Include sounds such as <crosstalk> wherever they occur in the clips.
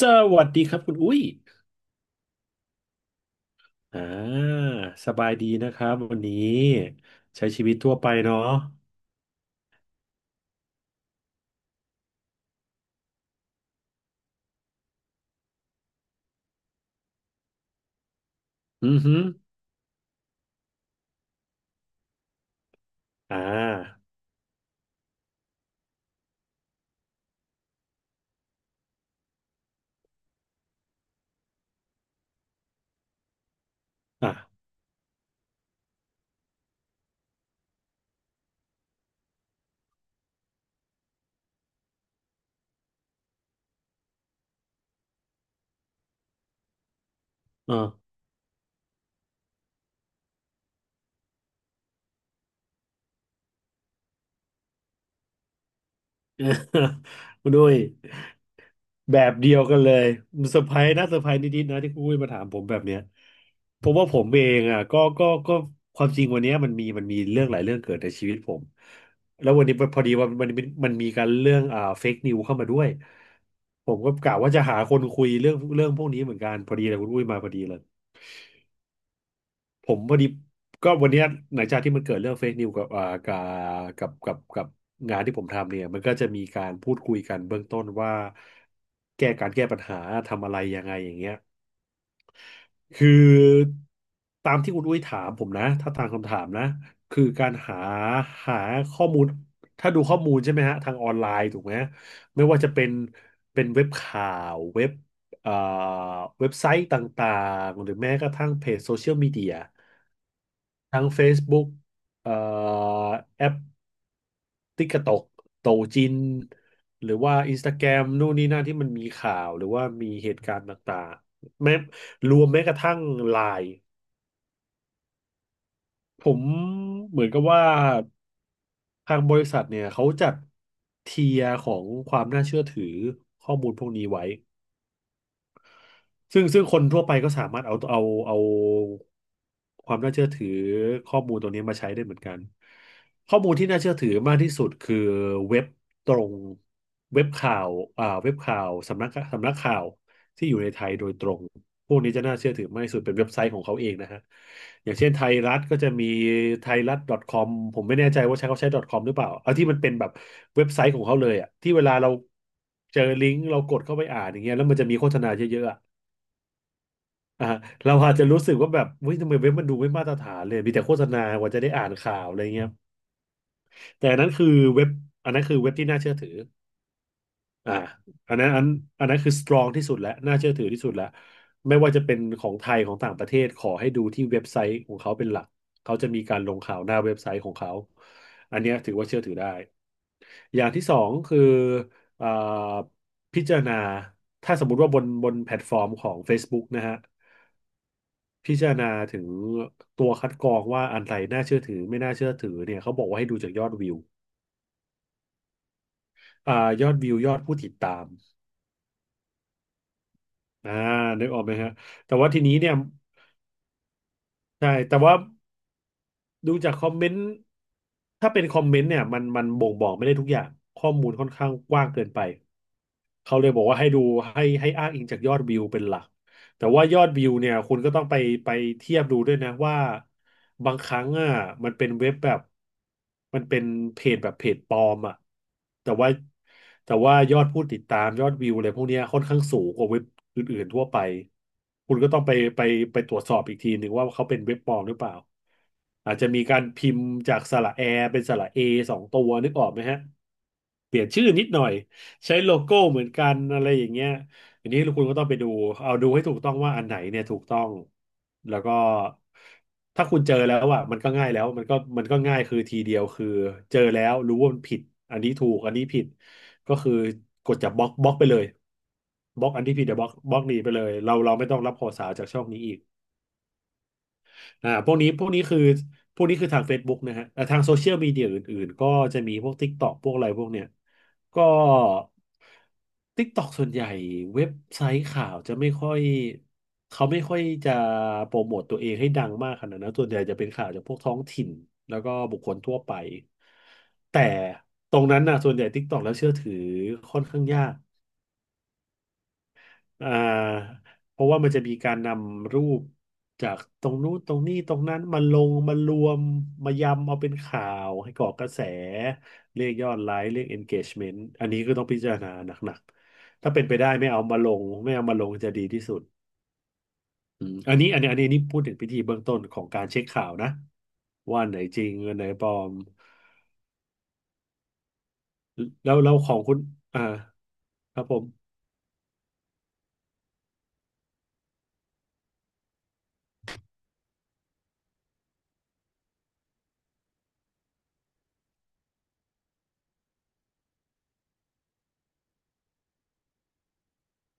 สวัสดีครับคุณอุ้ยอ่าสบายดีนะครับวันนี้ใช้ชีวิตทั่วไปเนาะอือฮึอ่าอ่ะเออ <laughs> คุณอุ้ย แบบเดียวกันเลยเซอร์ไพรส์นะเซอร์ไพรส์นิดๆนะที่คุณอุ้ยมาถามผมแบบเนี้ยเพราะว่าผมเองอ่ะก็ความจริงวันเนี้ยมันมีเรื่องหลายเรื่องเกิดในชีวิตผมแล้ววันนี้พอดีว่ามันมีการเรื่องเฟกนิวเข้ามาด้วยผมก็กะว่าจะหาคนคุยเรื่องพวกนี้เหมือนกันพอดีเลยคุณอุ้ยมาพอดีเลย ผมพอดีก็วันเนี้ยหลังจากที่มันเกิดเรื่องเฟซนิวกับกับกับงานที่ผมทำเนี่ยมันก็จะมีการพูดคุยกันเบื้องต้นว่าแก้การแก้ปัญหาทำอะไรยังไงอย่างเงี้ย คือตามที่คุณอุ้ยถามผมนะถ้าตามคำถามนะคือการหาข้อมูลถ้าดูข้อมูลใช่ไหมฮะทางออนไลน์ถูกไหมไม่ว่าจะเป็นเว็บข่าวเว็บเอ่อเว็บไซต์ต่างๆหรือแม้กระทั่งเพจโซเชียลมีเดียทั้ง Facebook เอ่อแอป ติ๊กต็อกโตจินหรือว่าอินสตาแกรมนู่นนี่นั่นที่มันมีข่าวหรือว่ามีเหตุการณ์ต่างๆแม้รวมแม้กระทั่งไลน์ผมเหมือนกับว่าทางบริษัทเนี่ยเขาจัดเทียร์ของความน่าเชื่อถือข้อมูลพวกนี้ไว้ ซึ่งคนทั่วไปก็สามารถเอาความน่าเชื่อถือข้อมูลตัวนี้มาใช้ได้เหมือนกันข้อมูลที่น่าเชื่อถือมากที่สุดคือเว็บตรงเว็บข่าวเว็บข่าวสำนักข่าวที่อยู่ในไทยโดยตรงพวกนี้จะน่าเชื่อถือมากที่สุดเป็นเว็บไซต์ของเขาเองนะฮะอย่างเช่นไทยรัฐก็จะมีไทยรัฐ .com ผมไม่แน่ใจว่าเขาใช้ .com หรือเปล่าเอาที่มันเป็นแบบเว็บไซต์ของเขาเลยอะที่เวลาเราเจอลิงก์เรากดเข้าไปอ่านอย่างเงี้ยแล้วมันจะมีโฆษณาเยอะๆอะ อ่าเราอาจจะรู้สึกว่าแบบเฮ้ยทำไมเว็บมันดูไม่มาตรฐานเลยมีแต่โฆษณากว่าจะได้อ่านข่าวอะไรเงี้ยแต่เว็บอันนั้นคือเว็บที่น่าเชื่อถืออ่าอันนั้นอันอันนั้นคือสตรองที่สุดแล้วน่าเชื่อถือที่สุดแล้วไม่ว่าจะเป็นของไทยของต่างประเทศขอให้ดูที่เว็บไซต์ของเขาเป็นหลักเขาจะมีการลงข่าวหน้าเว็บไซต์ของเขาอันเนี้ยถือว่าเชื่อถือได้อย่างที่สองคืออ่าพิจารณาถ้าสมมุติว่าบนแพลตฟอร์มของ Facebook นะฮะ พิจารณาถึงตัวคัดกรองว่าอันไหนน่าเชื่อถือไม่น่าเชื่อถือเนี่ยเขาบอกว่าให้ดูจากยอดวิวอ่ายอดวิวยอดผู้ติดตามอ่านึกออกไหมฮะแต่ว่าทีนี้เนี่ยใช่แต่ว่าดูจากคอมเมนต์ถ้าเป็นคอมเมนต์เนี่ยมันบ่งบอกไม่ได้ทุกอย่างข้อมูลค่อนข้างกว้างเกินไป เขาเลยบอกว่าให้ดูให้อ้างอิงจากยอดวิวเป็นหลัก แต่ว่ายอดวิวเนี่ยคุณก็ต้องไปเทียบดูด้วยนะว่าบางครั้งอ่ะมันเป็นเว็บแบบมันเป็นเพจแบบเพจปลอมอ่ะแต่ว่าแต่ว่ายอดผู้ติดตามยอดวิวอะไรพวกเนี้ยค่อนข้างสูงกว่าเว็บอื่นๆทั่วไปคุณก็ต้องไปไปตรวจสอบอีกทีหนึ่งว่าเขาเป็นเว็บปลอมหรือเปล่าอาจจะมีการพิมพ์จากสระแอเป็นสระเอสองตัวนึกออกไหมฮะเปลี่ยนชื่อนิดหน่อย ใช้โลโก้เหมือนกันอะไรอย่างเงี้ยอันนี้คุณก็ต้องไปดูเอาดูให้ถูกต้องว่าอันไหนเนี่ยถูกต้องแล้วก็ถ้าคุณเจอแล้วอ่ะมันก็ง่ายแล้วมันก็ง่ายคือทีเดียวคือเจอแล้วรู้ว่ามันผิดอันนี้ถูกอันนี้ผิดก็คือกดจาบล็อกไปเลยบล็อกอันที่ผิดเดี๋ยวบล็อกหนีไปเลยเราไม่ต้องรับข่าวสารจากช่องนี้อีก พวกนี้พวกนี้คือ พวกนี้คือทาง Facebook นะฮะแต่ทางโซเชียลมีเดียอื่นๆ ก็จะมีพวก TikTok พวกอะไรพวกเนี้ยก็ TikTok ส่วนใหญ่เว็บไซต์ข่าวจะไม่ค่อยเขาไม่ค่อยจะโปรโมตตัวเองให้ดังมากขนาดนั้นส่วนใหญ่จะเป็นข่าวจากพวกท้องถิ่นแล้วก็บุคคลทั่วไป แต่ตรงนั้นนะส่วนใหญ่ TikTok แล้วเชื่อถือค่อนข้างยาก อ่าเพราะว่ามันจะมีการนำรูปจากตรงนู้นตรงนี้ตรงนั้นมาลงมารวมมายำเอาเป็นข่าวให้ก่อกระแสเรียกยอดไลค์เรียก engagement อันนี้ก็ต้องพิจารณาหนักๆถ้าเป็นไปได้ไม่เอามาลงไม่เอามาลงจะดีที่สุดอืมอันนี้อันนี้นี่พูดถึงพิธีเบื้องต้นของการเช็คข่าวนะว่าอันไหนจริงอันไหนปลอมแล้วของคุณอ่าครับผม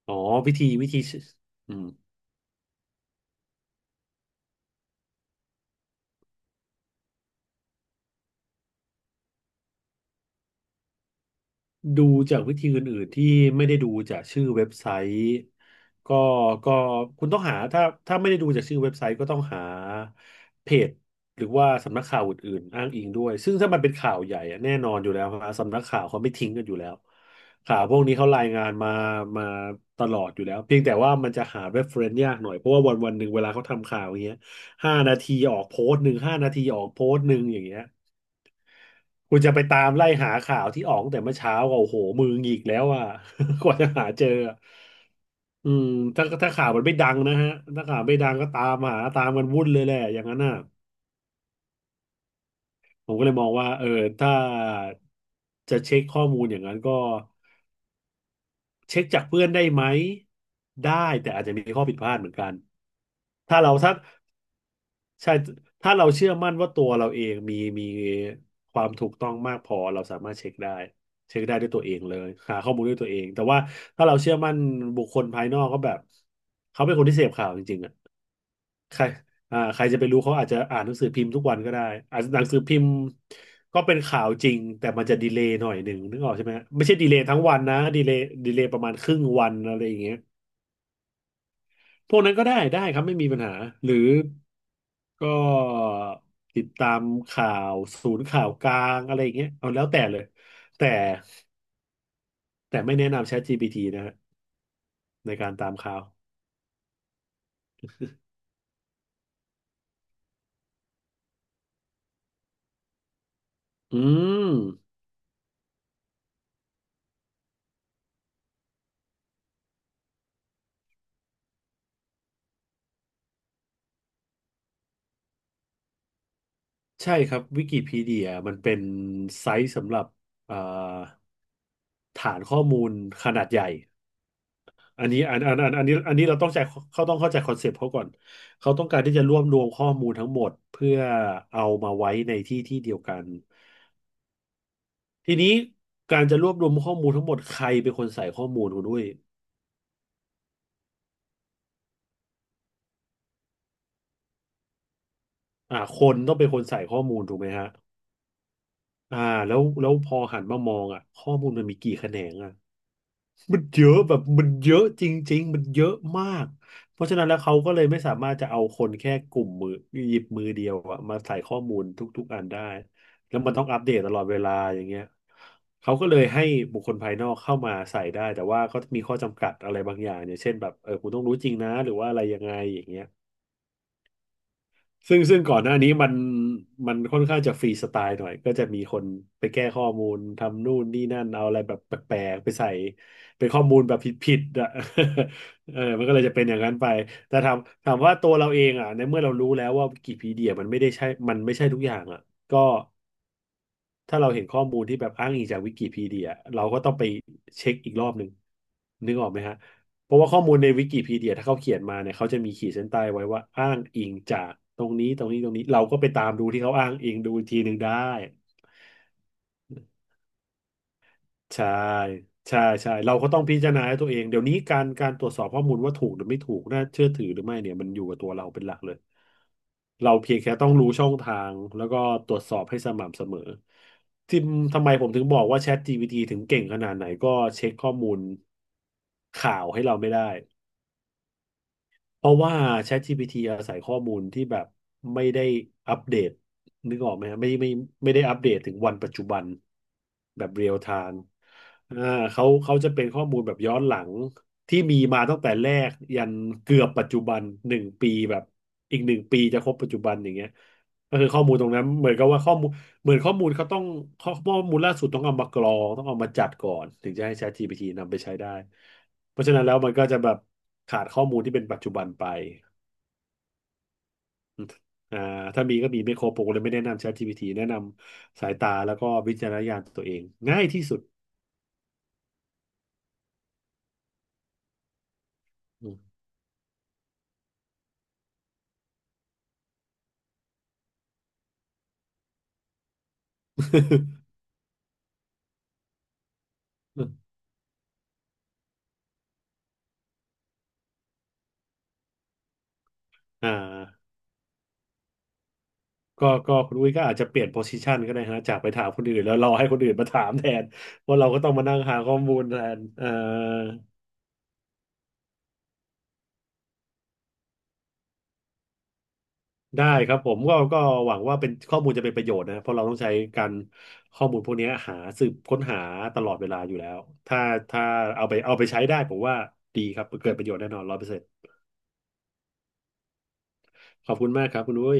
อ๋อวิธีอืม ดูจากวิธีอื่นๆที่ไม่ได้ดูจากชื่อเว็บไซต์ก็ก็คุณต้องหาถ้าไม่ได้ดูจากชื่อเว็บไซต์ก็ต้องหาเพจหรือว่าสำนักข่าวอื่นๆอ้างอิงด้วยซึ่งถ้ามันเป็นข่าวใหญ่อะแน่นอนอยู่แล้วฮะสำนักข่าวเขาไม่ทิ้งกันอยู่แล้วข่าวพวกนี้เขารายงานมามาตลอดอยู่แล้วเพียงแต่ว่ามันจะหา reference ยากหน่อยเพราะว่าวันวันหนึ่งเวลาเขาทำข่าวอย่างเงี้ยห้านาทีออกโพสต์หนึ่งห้านาทีออกโพสต์หนึ่งอย่างเงี้ย คุณจะไปตามไล่หาข่าวที่ออกตั้งแต่เมื่อเช้าก็โอ้โหมือหงิกแล้วอ่ะ <laughs> กว่าจะหาเจออะอืมถ้าข่าวมันไม่ดังนะฮะถ้าข่าวไม่ดังก็ตามหาตามกันวุ่นเลยแหละอย่างนั้นน่ะผมก็เลยมองว่าเออถ้าจะเช็คข้อมูลอย่างนั้นก็เช็คจากเพื่อนได้ไหมได้แต่อาจจะมีข้อผิดพลาดเหมือนกันถ้าเราถ้า ใช่ถ้าเราเชื่อมั่นว่าตัวเราเองมีความถูกต้องมากพอเราสามารถเช็คได้เช็คได้ด้วยตัวเองเลยหาข้อมูลด้วยตัวเองแต่ว่าถ้าเราเชื่อมั่นบุคคลภายนอกก็แบบเขาเป็นคนที่เสพข่าวจริงๆอ่ะใครใครจะไปรู้เขาอาจจะอ่านหนังสือพิมพ์ทุกวันก็ได้อาจจะหนังสือพิมพ์ก็เป็นข่าวจริงแต่มันจะดีเลย์หน่อยหนึ่งนึกออกใช่ไหมไม่ใช่ดีเลย์ทั้งวันนะดีเลย์ประมาณครึ่งวันอะไรอย่างเงี้ยพวกนั้นก็ได้ได้ครับไม่มีปัญหาหรือ ก็ติดตามข่าวศูนย์ข่าวกลางอะไรอย่างเงี้ยเอาแล้วแต่เลยแต่ไม่แนะนำ ChatGPT นะฮะในการตามข่าวอืมใช่ครับวิกิพีเดียมันเป็นไซต์สำหรับอ่าฐานข้อมูลขนาดใหญ่อันนี้อันนี้เราต้องใจเขาต้องเข้าใจคอนเซปต์เขาก่อนเขาต้องการที่จะรวบรวมข้อมูลทั้งหมดเพื่อเอามาไว้ในที่ที่เดียวกัน ทีนี้การจะรวบรวมข้อมูลทั้งหมดใครเป็นคนใส่ข้อมูลคุณด้วยอ่าคนต้องเป็นคนใส่ข้อมูลถูกไหมฮะอ่าแล้วพอหันมามองอ่ะข้อมูลมันมีกี่แขนงอ่ะมันเยอะแบบมันเยอะจริงๆมันเยอะมากเพราะฉะนั้นแล้วเขาก็เลยไม่สามารถจะเอาคนแค่กลุ่มมือหยิบมือเดียวอะมาใส่ข้อมูลทุกๆอันได้แล้วมันต้องอัปเดตตลอดเวลาอย่างเงี้ยเขาก็เลยให้บุคคลภายนอกเข้ามาใส่ได้แต่ว่าก็มีข้อจำกัดอะไรบางอย่างเนี่ยเช่นแบบเออคุณต้องรู้จริงนะหรือว่าอะไรยังไงอย่างเงี้ย ซึ่งก่อนหน้านี้มันค่อนข้างจะฟรีสไตล์หน่อยก็จะมีคนไปแก้ข้อมูลทำนู่นนี่นั่นเอาอะไรแบบแปลกๆไปใส่เป็นข้อมูลแบบผิดๆอ่ะ <laughs> เออมันก็เลยจะเป็นอย่างนั้นไปแต่ถามว่าตัวเราเองอ่ะในเมื่อเรารู้แล้วว่าวิกิพีเดียมันไม่ได้ใช่มันไม่ใช่ทุกอย่างอ่ะก็ ถ้าเราเห็นข้อมูลที่แบบอ้างอิงจากวิกิพีเดียเราก็ต้องไปเช็คอีกรอบหนึ่งนึกออกไหมฮะเพราะว่าข้อมูลในวิกิพีเดียถ้าเขาเขียนมาเนี่ยเขาจะมีขีดเส้นใต้ไว้ว่าอ้างอิงจากตรงนี้ตรงนี้เราก็ไปตามดูที่เขาอ้างอิงดูอีกทีหนึ่งได้ ใช่ใช่เราก็ต้องพิจารณาให้ตัวเองเดี๋ยวนี้การตรวจสอบข้อมูลว่าถูกหรือไม่ถูกน่าเชื่อถือหรือไม่เนี่ยมันอยู่กับตัวเราเป็นหลักเลยเราเพียงแค่ต้องรู้ช่องทางแล้วก็ตรวจสอบให้สม่ำเสมอที่ทำไมผมถึงบอกว่า ChatGPT ถึงเก่งขนาดไหนก็เช็คข้อมูลข่าวให้เราไม่ได้ เพราะว่า ChatGPT อาศัยข้อมูลที่แบบไม่ได้อัปเดตนึกออกไหมฮะไม่ได้อัปเดตถึงวันปัจจุบันแบบเรียลไทม์อ่าเขาจะเป็นข้อมูลแบบย้อนหลังที่มีมาตั้งแต่แรกยันเกือบปัจจุบันหนึ่งปีแบบอีกหนึ่งปีจะครบปัจจุบันอย่างเงี้ยก็คือข้อมูลตรงนั้นเหมือนกับว่าข้อมูล เหมือนข้อมูลเขาต้องข้อมูลล่าสุดต้องเอามากรองต้องเอามาจัดก่อนถึงจะให้ ChatGPT นำไปใช้ได้เพราะฉะนั้นแล้วมันก็จะแบบขาดข้อมูลที่เป็นปัจจุบันไปอ่าถ้ามีก็มีไม่ครบผมก็เลยไม่แนะนำ ChatGPT แนะนำสายตาแล้วก็วิจารณญาณตัวเองง่ายที่สุดอืม <laughs> อ่าก็คุณอุ้ยก็อาจจะเปลี่ยนโพสิชันก็ได้ฮะจากไปถามคนอื่นแล้วรอให้คนอื่นมาถามแทนเพราะเราก็ต้องมานั่งหาข้อมูลแทนเอ่า ได้ครับผมก็หวังว่าเป็นข้อมูลจะเป็นประโยชน์นะเพราะเราต้องใช้การข้อมูลพวกนี้หาสืบค้นหาตลอดเวลาอยู่แล้วถ้าถ้าเอาไปใช้ได้ผมว่าดีครับเกิดประโยชน์แน่นอน100%ขอบคุณมากครับคุณอุ้ย